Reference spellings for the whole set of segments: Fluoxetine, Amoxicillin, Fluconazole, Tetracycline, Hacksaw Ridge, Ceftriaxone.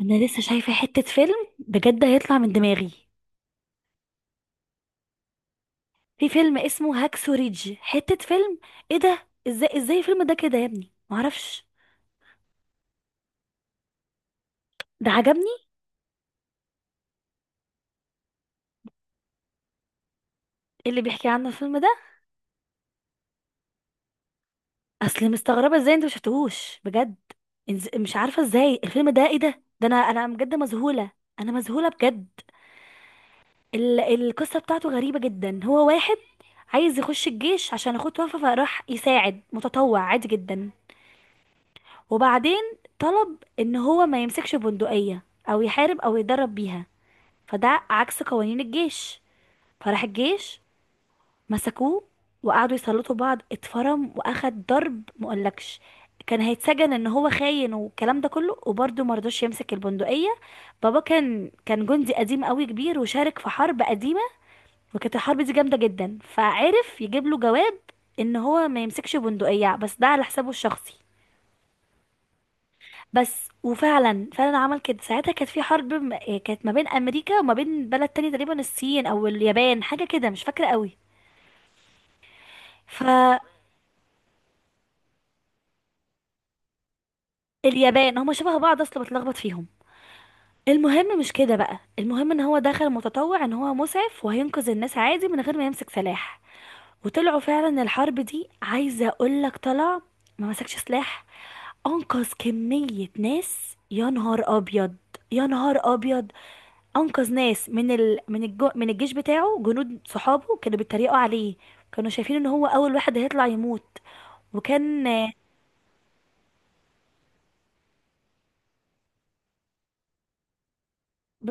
انا لسه شايفه حته فيلم بجد هيطلع من دماغي. في فيلم اسمه هاكسو ريدج حته فيلم. ايه ده؟ ازاي ازاي الفيلم ده كده يا ابني؟ معرفش. ده عجبني. إيه اللي بيحكي عنه الفيلم ده؟ اصل مستغربه ازاي انت مشفتهوش بجد. مش عارفه ازاي الفيلم ده، ايه ده انا بجد مذهوله. انا مذهوله بجد. القصه بتاعته غريبه جدا. هو واحد عايز يخش الجيش عشان اخوه توفى، فراح يساعد متطوع عادي جدا. وبعدين طلب ان هو ما يمسكش بندقية او يحارب او يدرب بيها. فده عكس قوانين الجيش. فراح الجيش مسكوه، وقعدوا يسلطوا بعض. اتفرم، واخد ضرب مقولكش. كان هيتسجن ان هو خاين والكلام ده كله، وبرضه مرضوش يمسك البندقية. بابا كان جندي قديم قوي كبير، وشارك في حرب قديمة، وكانت الحرب دي جامدة جدا، فعرف يجيب له جواب ان هو ما يمسكش بندقية، بس ده على حسابه الشخصي. بس وفعلا فعلا عمل كده. ساعتها كانت في حرب كانت ما بين امريكا وما بين بلد تاني، تقريبا الصين او اليابان، حاجه كده مش فاكره قوي. فاليابان، هما شبه بعض اصلا، بتلخبط فيهم. المهم مش كده بقى. المهم ان هو دخل متطوع، ان هو مسعف وهينقذ الناس عادي من غير ما يمسك سلاح. وطلعوا فعلا الحرب دي، عايزه اقول لك طلع ما مسكش سلاح. انقذ كميه ناس. يا نهار ابيض، يا نهار ابيض! انقذ ناس من الجيش بتاعه. جنود صحابه كانوا بيتريقوا عليه، كانوا شايفين ان هو اول واحد هيطلع يموت. وكان ب...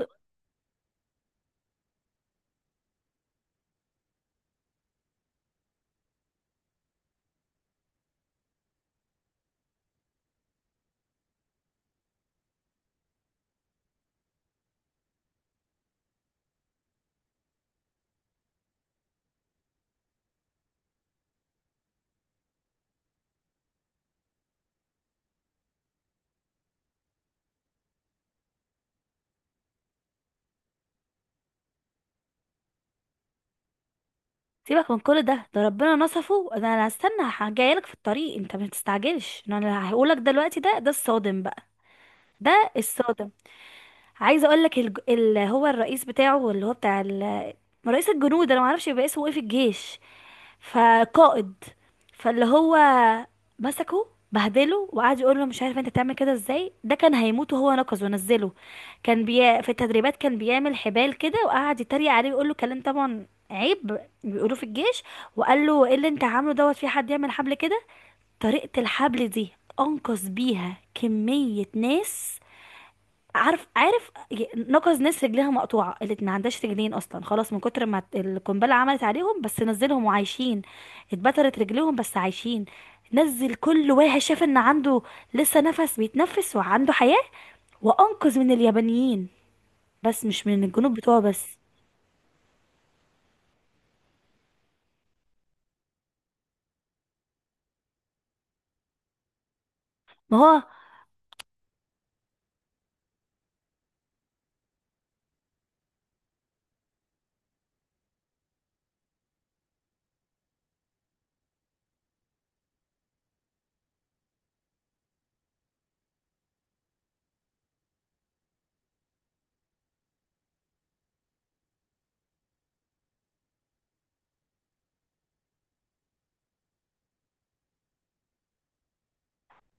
سيبك من كل ده ربنا نصفه. ده انا هستنى. جايلك في الطريق، انت ما تستعجلش. إن انا هقولك دلوقتي، ده الصادم بقى. ده الصادم. عايزه اقول لك اللي هو الرئيس بتاعه، اللي هو بتاع رئيس الجنود. انا ما اعرفش يبقى اسمه ايه في الجيش، فقائد. فاللي هو مسكه بهدله، وقعد يقول له مش عارف انت بتعمل كده ازاي، ده كان هيموت وهو نقز ونزله. في التدريبات كان بيعمل حبال كده، وقعد يتريق عليه ويقول له كلام طبعا عيب بيقولوه في الجيش، وقال له ايه اللي انت عامله دوت، في حد يعمل حبل كده؟ طريقة الحبل دي انقذ بيها كمية ناس. عارف عارف، نقص ناس رجليها مقطوعه، اللي ما عندهاش رجلين اصلا خلاص من كتر ما القنبله عملت عليهم، بس نزلهم وعايشين. اتبترت رجليهم بس عايشين. نزل كل واحد شاف ان عنده لسه نفس بيتنفس وعنده حياه. وانقذ من اليابانيين، بس مش من الجنوب بتوعه بس. ما هو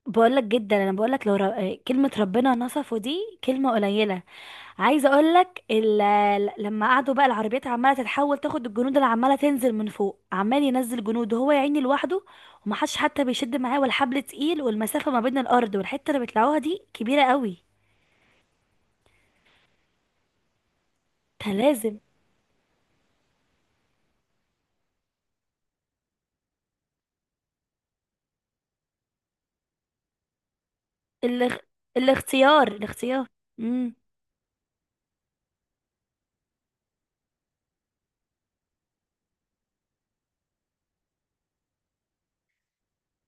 بقولك جدا، انا بقولك لو كلمه ربنا نصفه دي كلمه قليله. عايزه اقول لك، لما قعدوا بقى العربيات عماله تتحول تاخد الجنود اللي عماله تنزل من فوق، عمال ينزل جنود، وهو يا عيني لوحده، ومحدش حتى بيشد معاه ولا حبل تقيل، والمسافه ما بين الارض والحته اللي بيطلعوها دي كبيره قوي. ده لازم. الاخ... الاختيار، الاختيار. امم.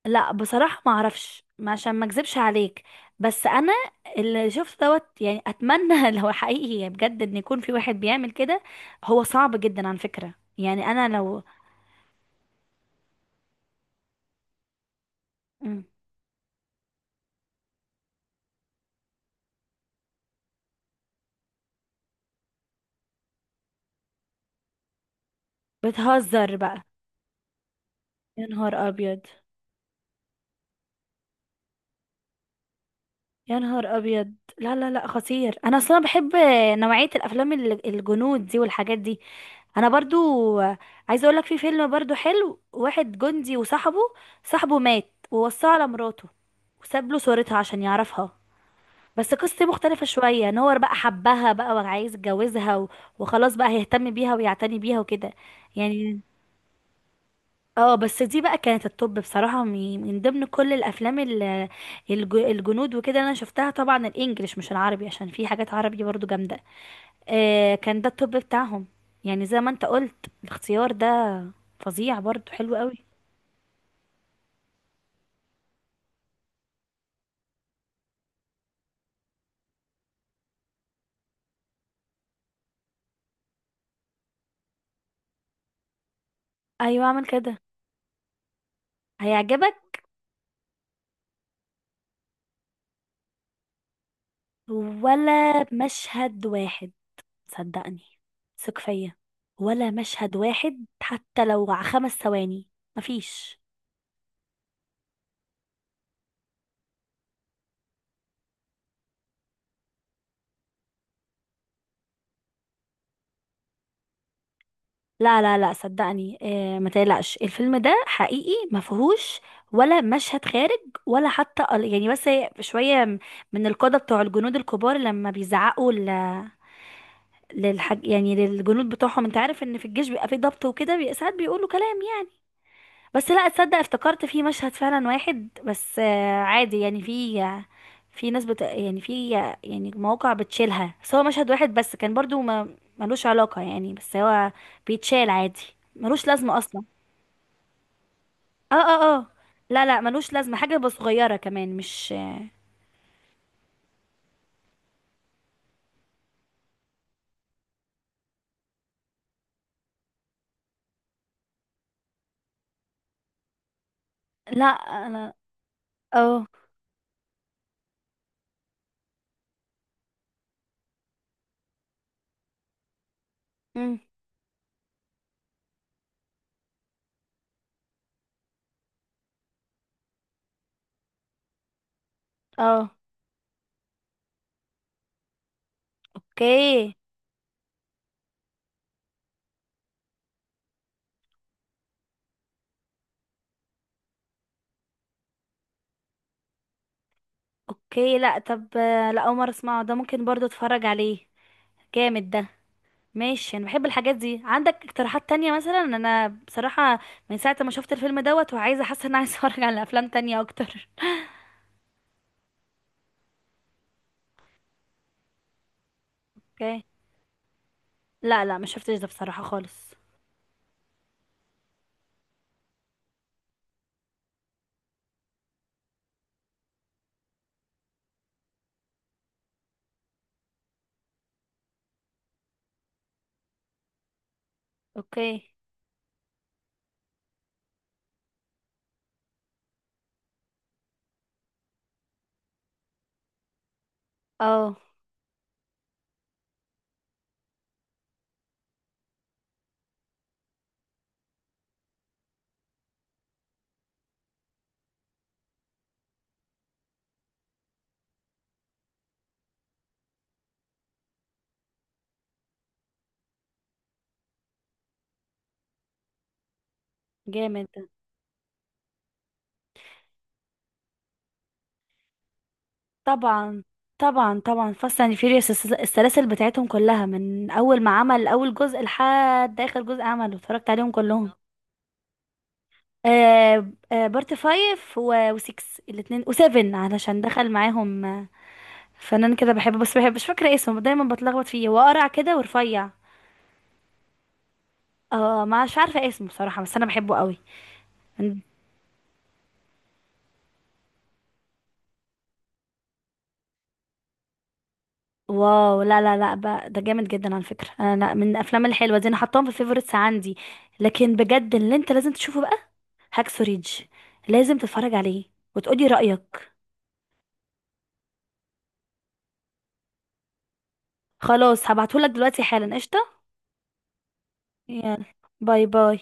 لا بصراحه ما اعرفش، عشان ما اكذبش عليك. بس انا اللي شفت دوت يعني، اتمنى لو حقيقي بجد ان يكون في واحد بيعمل كده. هو صعب جدا على فكره، يعني انا لو. مم. بتهزر بقى؟ يا نهار ابيض، يا نهار ابيض! لا لا لا، خطير. انا اصلا بحب نوعيه الافلام الجنود دي والحاجات دي. انا برضو عايزه اقول لك في فيلم برضو حلو. واحد جندي وصاحبه، صاحبه مات ووصاه على مراته، وساب له صورتها عشان يعرفها. بس قصتي مختلفه شويه ان هو بقى حبها بقى وعايز يتجوزها وخلاص بقى هيهتم بيها ويعتني بيها وكده يعني. اه، بس دي بقى كانت التوب بصراحة، من ضمن كل الافلام الجنود وكده اللي انا شفتها، طبعا الانجليش مش العربي، عشان في حاجات عربي برضو جامدة. آه، كان ده التوب بتاعهم. يعني زي ما انت قلت الاختيار ده فظيع برضو، حلو قوي. ايوه اعمل كده. هيعجبك. ولا مشهد واحد. صدقني، ثق فيا. ولا مشهد واحد حتى لو 5 ثواني. مفيش. لا لا لا، صدقني، ما تقلقش. الفيلم ده حقيقي، ما فيهوش ولا مشهد خارج. ولا حتى يعني بس هي شويه من القاده بتوع الجنود الكبار، لما بيزعقوا للحج يعني، للجنود بتوعهم. انت عارف ان في الجيش بيبقى فيه ضبط وكده، ساعات بيقولوا كلام يعني. بس لا تصدق، افتكرت في مشهد فعلا واحد بس، عادي يعني. في في ناس بت يعني في، يعني مواقع بتشيلها، بس هو مشهد واحد بس، كان برضو ما ملوش علاقه يعني، بس هو بيتشال عادي، ملوش لازمه اصلا. اه اه اه. لا لا، ملوش لازمة حاجة بس صغيرة كمان مش. لا انا اه. امم. اه. اوكي. اوكي لا، طب لا اول مرة اسمعه ده، ممكن برضو اتفرج عليه. جامد ده. ماشي، انا بحب الحاجات دي. عندك اقتراحات تانية مثلا؟ انا بصراحة من ساعة ما شفت الفيلم دوت، وعايزة حاسة ان أنا عايزة اتفرج على افلام تانية اكتر. اوكي. لا لا ما شفتش ده بصراحة خالص. اوكي. اه. جامد. طبعا. طبعا طبعا، فاست اند فيوريوس السلاسل بتاعتهم كلها من اول ما عمل اول جزء لحد اخر جزء عمله اتفرجت عليهم كلهم. آه آه، بارت فايف وسكس الاتنين وسيفن، علشان دخل معاهم فنان كده بحبه. بس بحب، مش فاكرة اسمه، دايما بتلخبط فيه. هو قرع كده ورفيع. اه مش عارفة اسمه بصراحة، بس انا بحبه قوي. من- واو! لا لا لا، بقى ده جامد جدا على فكرة. انا لا، من الافلام الحلوة دي انا حطاهم في الفيفوريتس عندي. لكن بجد اللي انت لازم تشوفه هاكسو ريدج. لازم تتفرج عليه وتقولي رأيك. خلاص هبعتهولك دلوقتي حالا، قشطة. يلا. باي باي.